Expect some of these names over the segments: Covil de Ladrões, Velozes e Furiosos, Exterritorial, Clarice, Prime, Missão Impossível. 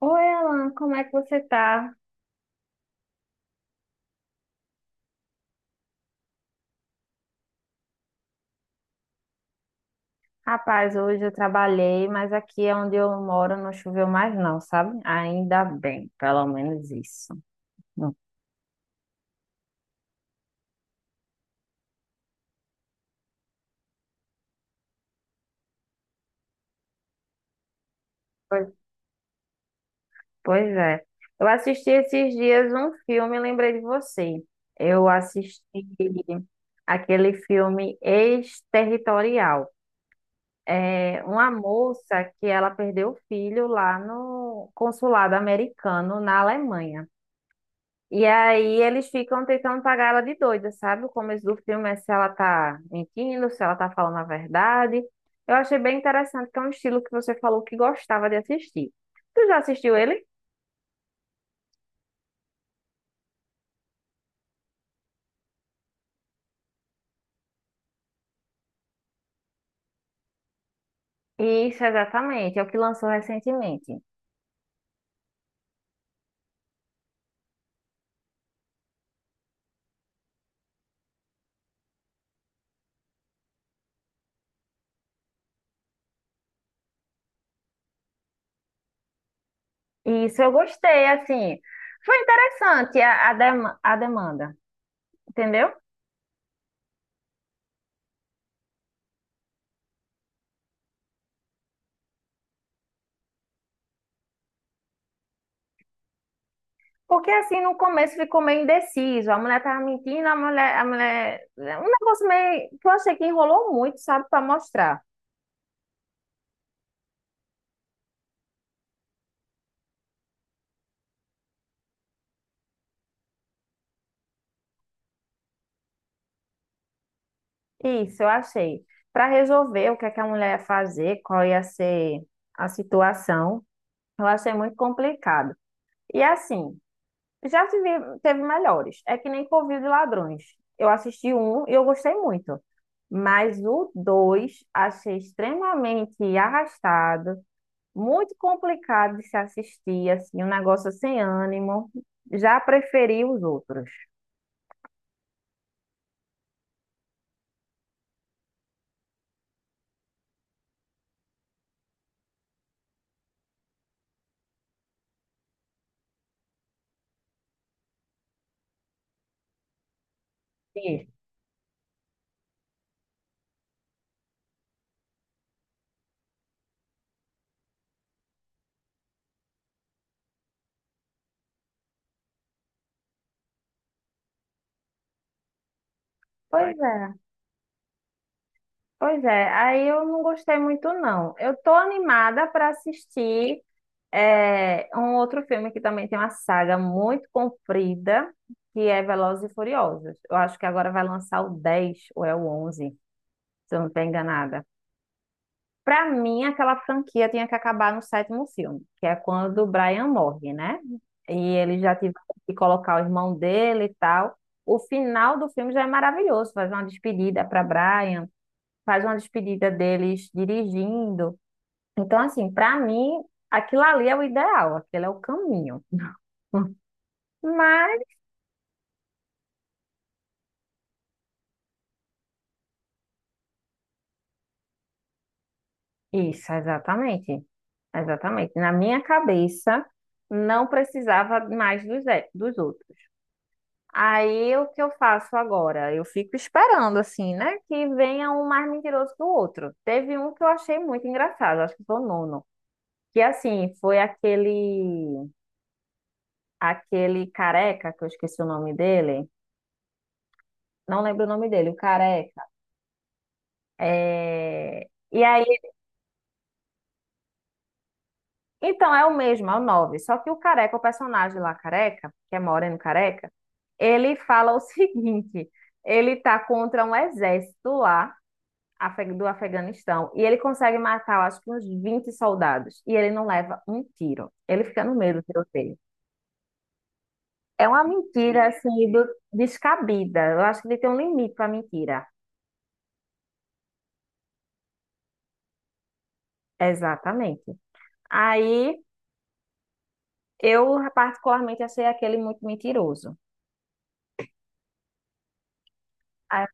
Oi, Alan, como é que você tá? Rapaz, hoje eu trabalhei, mas aqui é onde eu moro não choveu mais não, sabe? Ainda bem, pelo menos isso. Não. Pois, pois é. Eu assisti esses dias um filme e lembrei de você. Eu assisti aquele filme Exterritorial. É uma moça que ela perdeu o filho lá no consulado americano na Alemanha. E aí eles ficam tentando pagar ela de doida, sabe? O começo do filme é se ela tá mentindo, se ela tá falando a verdade. Eu achei bem interessante, que é um estilo que você falou que gostava de assistir. Tu já assistiu ele? Isso, exatamente, é o que lançou recentemente. Isso eu gostei, assim. Foi interessante a demanda, entendeu? Porque assim, no começo ficou meio indeciso. A mulher tava mentindo, a mulher, a mulher. Um negócio meio que eu achei que enrolou muito, sabe, pra mostrar. Isso, eu achei. Para resolver o que é que a mulher ia fazer, qual ia ser a situação, eu achei muito complicado. E assim, já teve melhores. É que nem Covil de Ladrões. Eu assisti um e eu gostei muito. Mas o dois achei extremamente arrastado, muito complicado de se assistir, assim, um negócio sem ânimo. Já preferi os outros. Sim. Pois é. Pois é, aí eu não gostei muito, não. Eu tô animada para assistir é, um outro filme que também tem uma saga muito comprida, que é Velozes e Furiosos. Eu acho que agora vai lançar o 10 ou é o 11, se eu não estou enganada. Para mim, aquela franquia tinha que acabar no sétimo filme, que é quando o Brian morre, né? E ele já tiveram que colocar o irmão dele e tal. O final do filme já é maravilhoso, faz uma despedida para Brian, faz uma despedida deles dirigindo. Então, assim, para mim, aquilo ali é o ideal, aquele é o caminho. Mas, isso, exatamente. Exatamente. Na minha cabeça, não precisava mais dos outros. Aí, o que eu faço agora? Eu fico esperando, assim, né? Que venha um mais mentiroso que o outro. Teve um que eu achei muito engraçado, acho que foi o nono. Que, assim, foi aquele careca, que eu esqueci o nome dele. Não lembro o nome dele, o Careca. É... E aí, então é o mesmo, é o 9. Só que o Careca, o personagem lá, Careca, que é Moreno Careca, ele fala o seguinte: ele tá contra um exército lá do Afeganistão e ele consegue matar, eu acho que uns 20 soldados e ele não leva um tiro. Ele fica no meio do tiroteio. É uma mentira, assim, descabida. Eu acho que ele tem um limite pra mentira. Exatamente. Aí eu, particularmente, achei aquele muito mentiroso. Ah,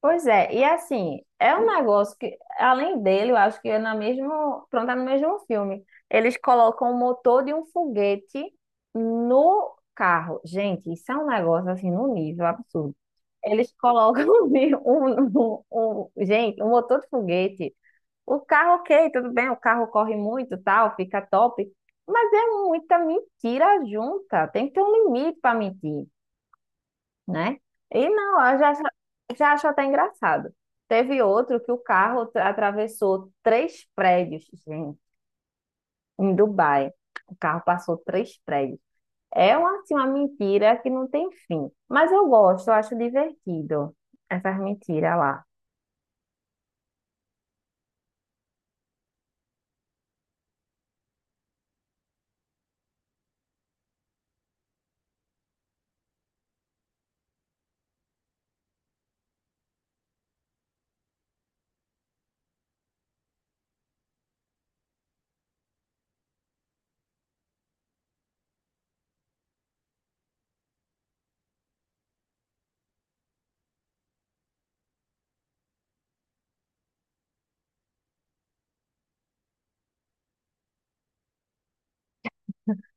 pois é, e assim, é um negócio que, além dele, eu acho que é na mesmo, pronto, é no mesmo filme. Eles colocam o motor de um foguete no carro. Gente, isso é um negócio assim, no nível absurdo. Eles colocam gente, um motor de foguete. O carro, ok, tudo bem, o carro corre muito, tal, fica top. Mas é muita mentira junta. Tem que ter um limite para mentir, né? E não, eu já acho até engraçado. Teve outro que o carro atravessou três prédios, gente, em Dubai. O carro passou três prédios. É uma, assim, uma mentira que não tem fim. Mas eu gosto, eu acho divertido essas mentiras lá.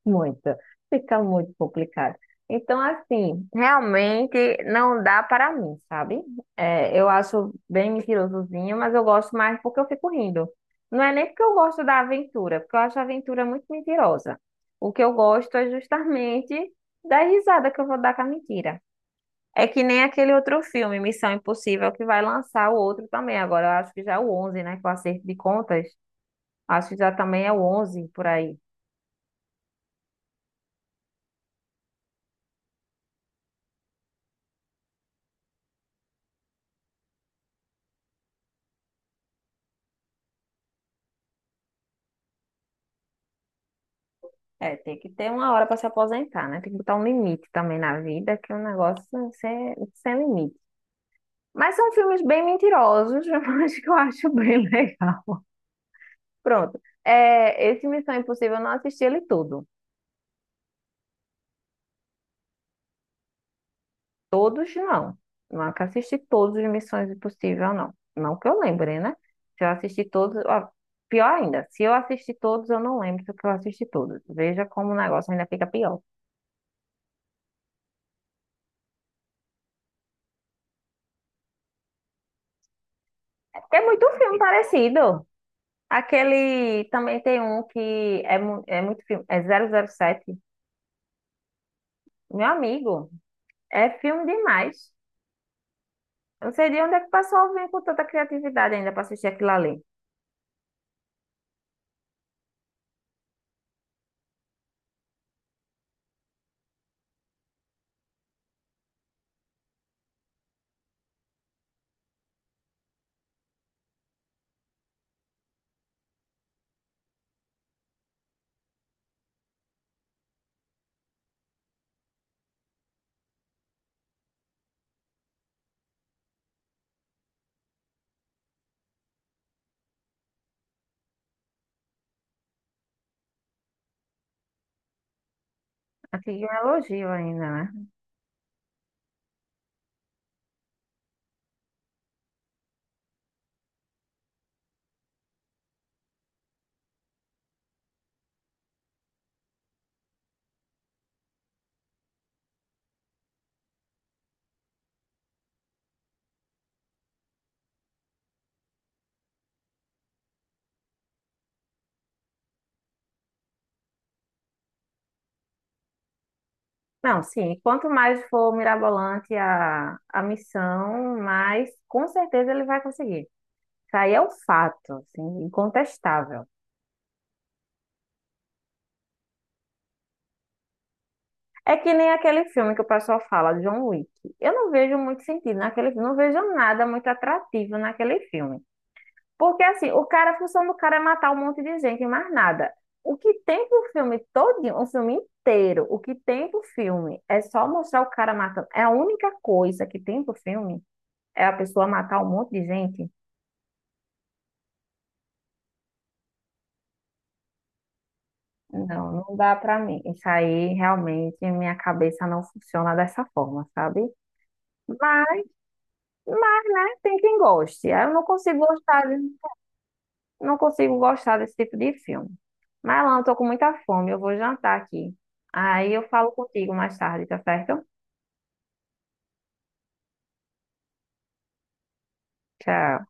Muito, fica muito complicado. Então, assim, realmente não dá para mim, sabe? É, eu acho bem mentirosozinho, mas eu gosto mais porque eu fico rindo. Não é nem porque eu gosto da aventura, porque eu acho a aventura muito mentirosa. O que eu gosto é justamente da risada que eu vou dar com a mentira. É que nem aquele outro filme, Missão Impossível, que vai lançar o outro também agora. Eu acho que já é o 11, né? Com o acerto de contas, acho que já também é o 11 por aí. É, tem que ter uma hora para se aposentar, né? Tem que botar um limite também na vida, que o negócio é sem limite. Mas são filmes bem mentirosos, mas que eu acho bem legal. Pronto. É, esse Missão Impossível eu não assisti ele todo. Todos não. Nunca assisti todos os Missões Impossível, não. Não que eu lembre, né? Se eu assisti todos. Ó, pior ainda, se eu assisti todos, eu não lembro se eu assisti todos. Veja como o negócio ainda fica pior. É muito filme parecido. Aquele também tem um que é muito filme, é 007. Meu amigo, é filme demais. Eu não sei de onde é que o pessoal vem com tanta criatividade ainda para assistir aquilo ali. Aqui é um elogio ainda, né? Não, sim, quanto mais for mirabolante a missão, mais com certeza ele vai conseguir. Isso aí é um fato, assim, incontestável. É que nem aquele filme que o pessoal fala, John Wick. Eu não vejo muito sentido naquele filme, não vejo nada muito atrativo naquele filme. Porque assim, o cara, a função do cara é matar um monte de gente, e mais nada. O que tem pro filme todinho, o filme inteiro, o que tem pro filme é só mostrar o cara matando. É a única coisa que tem pro filme é a pessoa matar um monte de gente. Não, não dá pra mim. Isso aí realmente minha cabeça não funciona dessa forma, sabe? Mas, mas tem quem goste. Eu não consigo gostar. Não consigo gostar desse tipo de filme. Mas, Alan, eu tô com muita fome, eu vou jantar aqui. Aí eu falo contigo mais tarde, tá certo? Tchau.